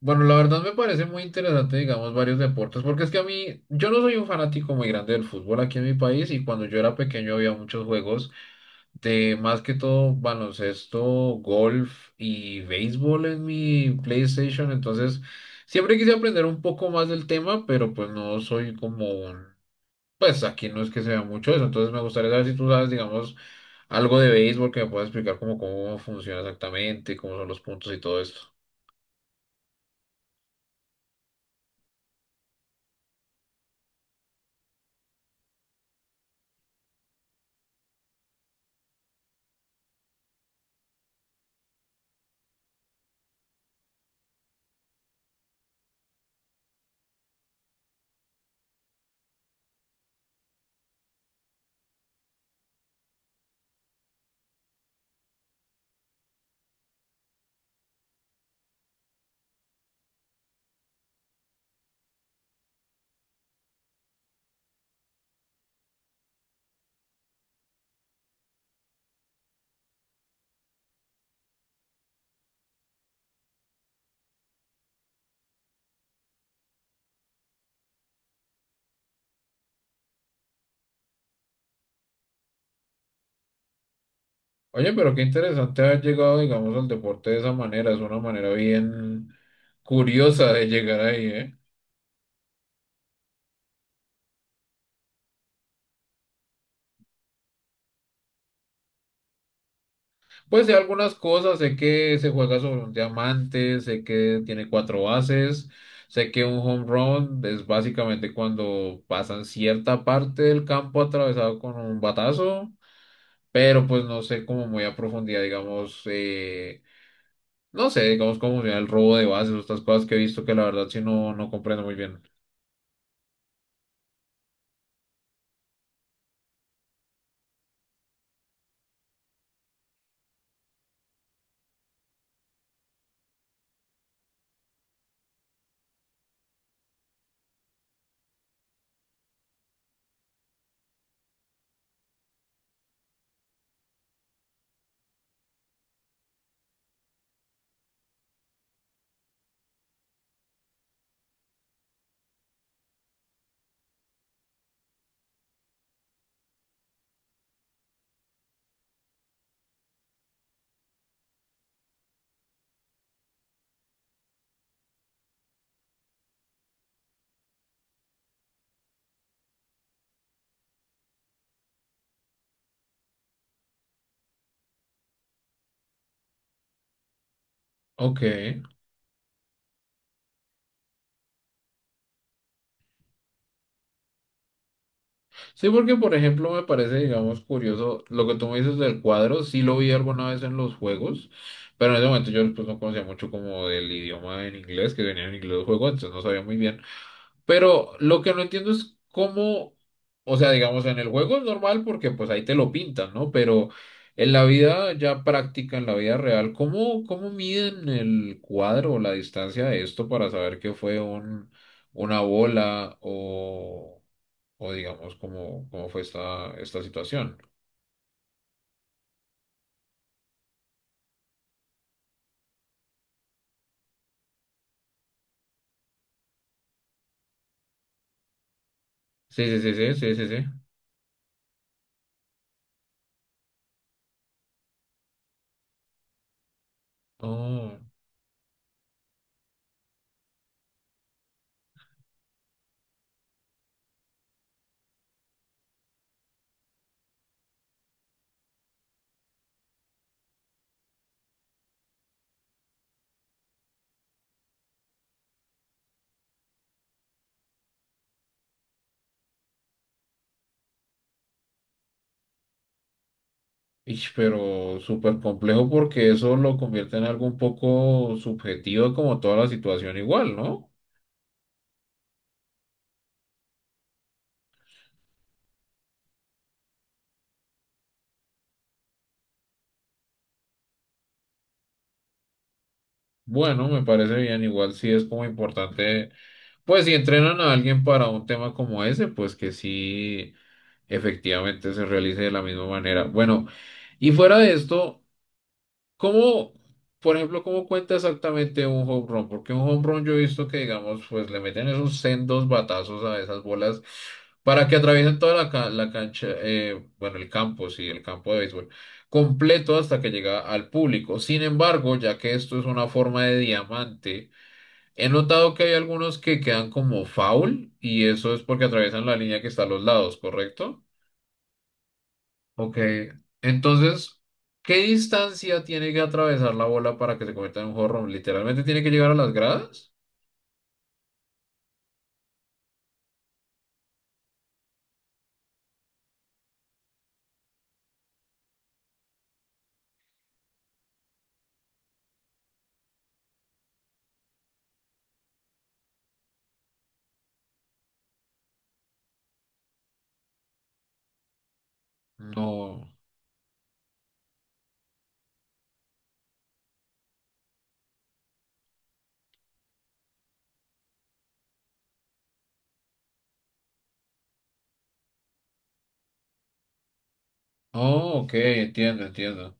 Bueno, la verdad me parece muy interesante, digamos, varios deportes, porque es que a mí, yo no soy un fanático muy grande del fútbol aquí en mi país y cuando yo era pequeño había muchos juegos de más que todo baloncesto, golf y béisbol en mi PlayStation, entonces siempre quise aprender un poco más del tema, pero pues no soy como un, pues aquí no es que se vea mucho eso, entonces me gustaría saber si tú sabes, digamos, algo de béisbol que me puedas explicar como cómo funciona exactamente, cómo son los puntos y todo esto. Oye, pero qué interesante haber llegado, digamos, al deporte de esa manera. Es una manera bien curiosa de llegar ahí, ¿eh? Pues sé algunas cosas, sé que se juega sobre un diamante, sé que tiene cuatro bases, sé que un home run es básicamente cuando pasan cierta parte del campo atravesado con un batazo, pero pues no sé como muy a profundidad, digamos, no sé, digamos, cómo funciona el robo de bases, estas cosas que he visto que la verdad sí no, no comprendo muy bien. Ok. Sí, porque por ejemplo me parece, digamos, curioso lo que tú me dices del cuadro, sí lo vi alguna vez en los juegos, pero en ese momento yo pues, no conocía mucho como del idioma en inglés, que venía en inglés el juego, entonces no sabía muy bien. Pero lo que no entiendo es cómo, o sea, digamos, en el juego es normal porque pues ahí te lo pintan, ¿no? Pero en la vida ya práctica, en la vida real, ¿cómo, cómo miden el cuadro o la distancia de esto para saber que fue un, una bola o... o digamos, cómo, cómo fue esta, esta situación? Sí, sí, sí, sí, sí, sí, sí. Oh, ish, pero súper complejo porque eso lo convierte en algo un poco subjetivo como toda la situación igual, ¿no? Bueno, me parece bien, igual sí es como importante, pues si entrenan a alguien para un tema como ese, pues que sí efectivamente se realice de la misma manera. Bueno, y fuera de esto... ¿Cómo, por ejemplo, cómo cuenta exactamente un home run? Porque un home run yo he visto que, digamos, pues le meten esos sendos batazos a esas bolas para que atraviesen toda la, la cancha, bueno, el campo, sí, el campo de béisbol, completo hasta que llega al público. Sin embargo, ya que esto es una forma de diamante, he notado que hay algunos que quedan como foul y eso es porque atraviesan la línea que está a los lados, ¿correcto? Ok, entonces, ¿qué distancia tiene que atravesar la bola para que se convierta en un home? ¿Literalmente tiene que llegar a las gradas? No. Oh, ok, entiendo, entiendo.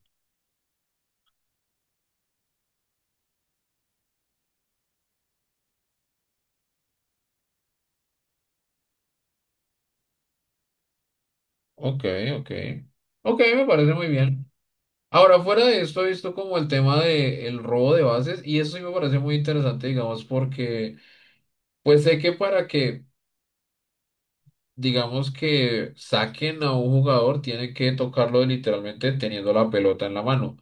Ok, ok. Ok, me parece muy bien. Ahora, fuera de esto, he visto como el tema de el robo de bases y eso sí me parece muy interesante, digamos, porque pues sé que para que, digamos, que saquen a un jugador, tiene que tocarlo literalmente teniendo la pelota en la mano.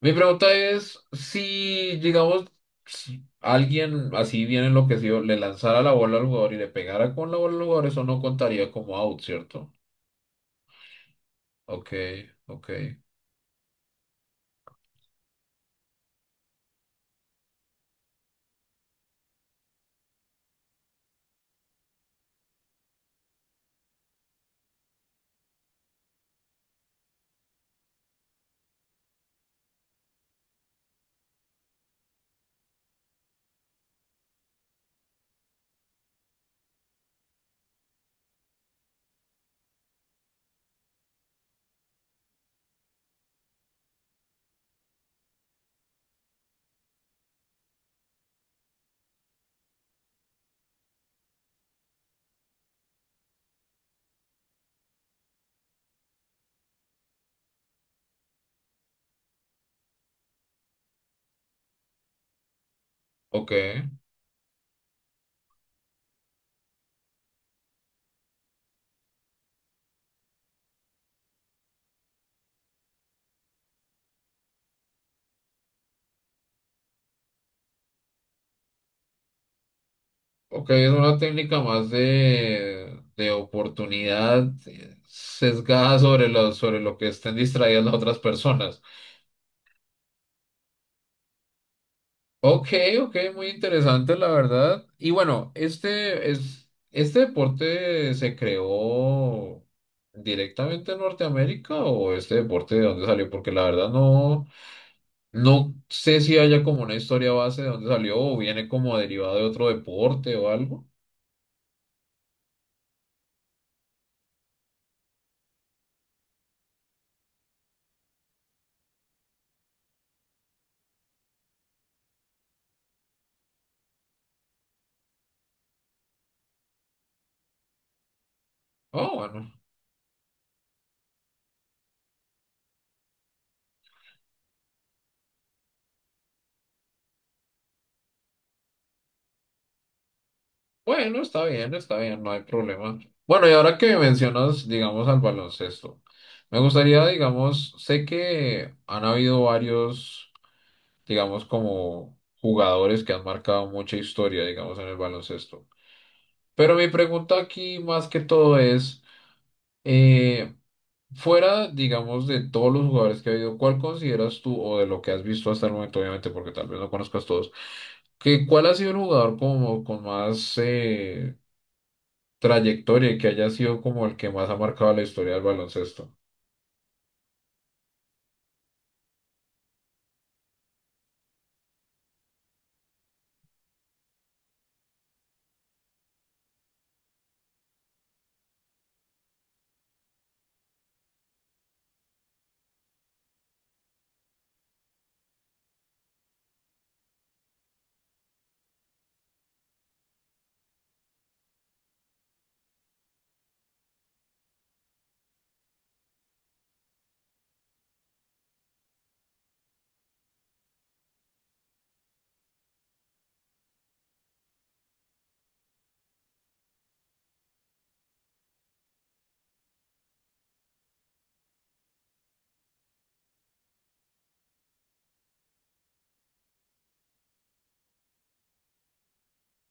Mi pregunta es si, digamos, si alguien así bien enloquecido le lanzara la bola al jugador y le pegara con la bola al jugador, eso no contaría como out, ¿cierto? Ok, ok, ok. Ok, es una técnica más de oportunidad sesgada sobre lo que estén distraídas las otras personas. Ok, ok, muy interesante la verdad. Y bueno, este es este deporte se creó directamente en Norteamérica o este deporte de dónde salió, porque la verdad no no sé si haya como una historia base de dónde salió o viene como derivado de otro deporte o algo. Ah, bueno. Bueno, está bien, no hay problema. Bueno, y ahora que mencionas, digamos, al baloncesto, me gustaría, digamos, sé que han habido varios digamos, como jugadores que han marcado mucha historia, digamos, en el baloncesto. Pero mi pregunta aquí más que todo es, eh, fuera, digamos, de todos los jugadores que ha habido, ¿cuál consideras tú, o de lo que has visto hasta el momento, obviamente, porque tal vez no conozcas todos, que cuál ha sido el jugador como con más trayectoria y que haya sido como el que más ha marcado la historia del baloncesto?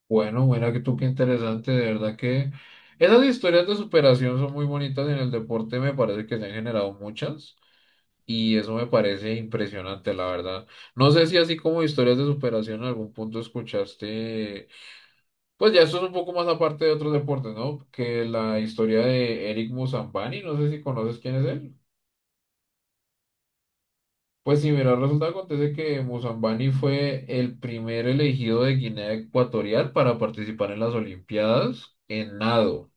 Bueno, mira que tú qué interesante, de verdad que esas historias de superación son muy bonitas en el deporte, me parece que se han generado muchas y eso me parece impresionante, la verdad. No sé si así como historias de superación en algún punto escuchaste, pues ya esto es un poco más aparte de otros deportes, ¿no? Que la historia de Eric Musambani, no sé si conoces quién es él. Pues sí, mira, resulta que acontece que Musambani fue el primer elegido de Guinea Ecuatorial para participar en las Olimpiadas en nado.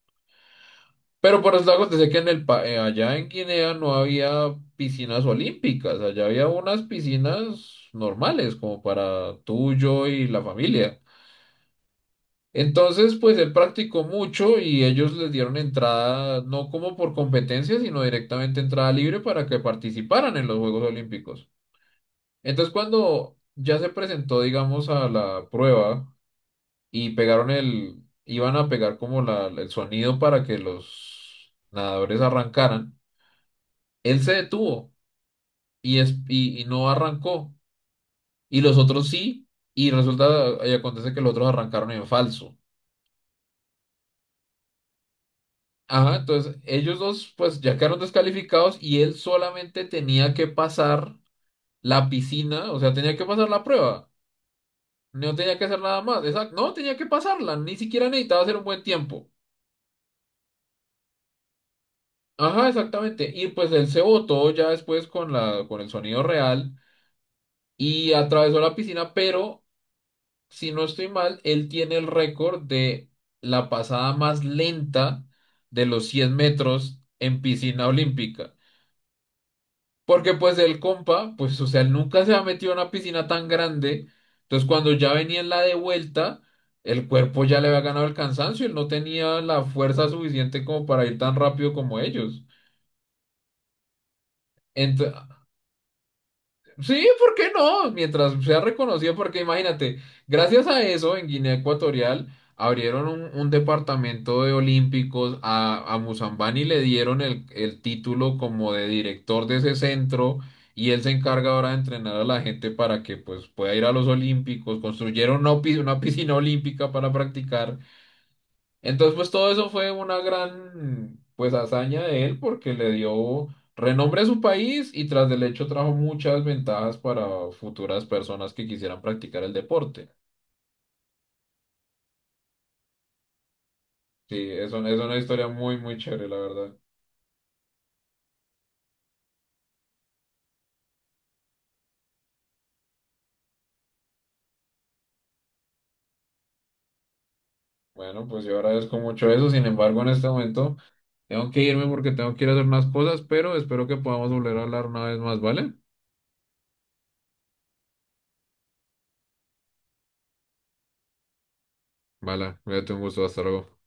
Pero por los eso acontece que en el allá en Guinea no había piscinas olímpicas, allá había unas piscinas normales, como para tú, yo y la familia. Entonces, pues él practicó mucho y ellos les dieron entrada, no como por competencia, sino directamente entrada libre para que participaran en los Juegos Olímpicos. Entonces, cuando ya se presentó, digamos, a la prueba y pegaron el, iban a pegar como la, el sonido para que los nadadores arrancaran. Él se detuvo y, y no arrancó. Y los otros sí. Y resulta y acontece que los otros arrancaron en falso. Ajá, entonces ellos dos pues ya quedaron descalificados y él solamente tenía que pasar la piscina, o sea, tenía que pasar la prueba. No tenía que hacer nada más. Exacto, no tenía que pasarla, ni siquiera necesitaba hacer un buen tiempo. Ajá, exactamente. Y pues él se botó ya después con la, con el sonido real y atravesó la piscina, pero si no estoy mal, él tiene el récord de la pasada más lenta de los 100 metros en piscina olímpica. Porque pues el compa, pues o sea, él nunca se ha metido en una piscina tan grande. Entonces cuando ya venía en la de vuelta, el cuerpo ya le había ganado el cansancio. Él no tenía la fuerza suficiente como para ir tan rápido como ellos. Ento- sí, ¿por qué no? Mientras sea reconocido, porque imagínate, gracias a eso en Guinea Ecuatorial abrieron un departamento de olímpicos, a Musambani le dieron el título como de director de ese centro y él se encarga ahora de entrenar a la gente para que pues pueda ir a los olímpicos, construyeron una, una piscina olímpica para practicar entonces, pues todo eso fue una gran, pues, hazaña de él porque le dio renombre a su país y tras del hecho trajo muchas ventajas para futuras personas que quisieran practicar el deporte. Sí, es, es una historia muy, muy chévere, la verdad. Bueno, pues yo agradezco mucho eso. Sin embargo, en este momento tengo que irme porque tengo que ir a hacer unas cosas, pero espero que podamos volver a hablar una vez más, ¿vale? Vale, cuídate, un gusto, hasta luego.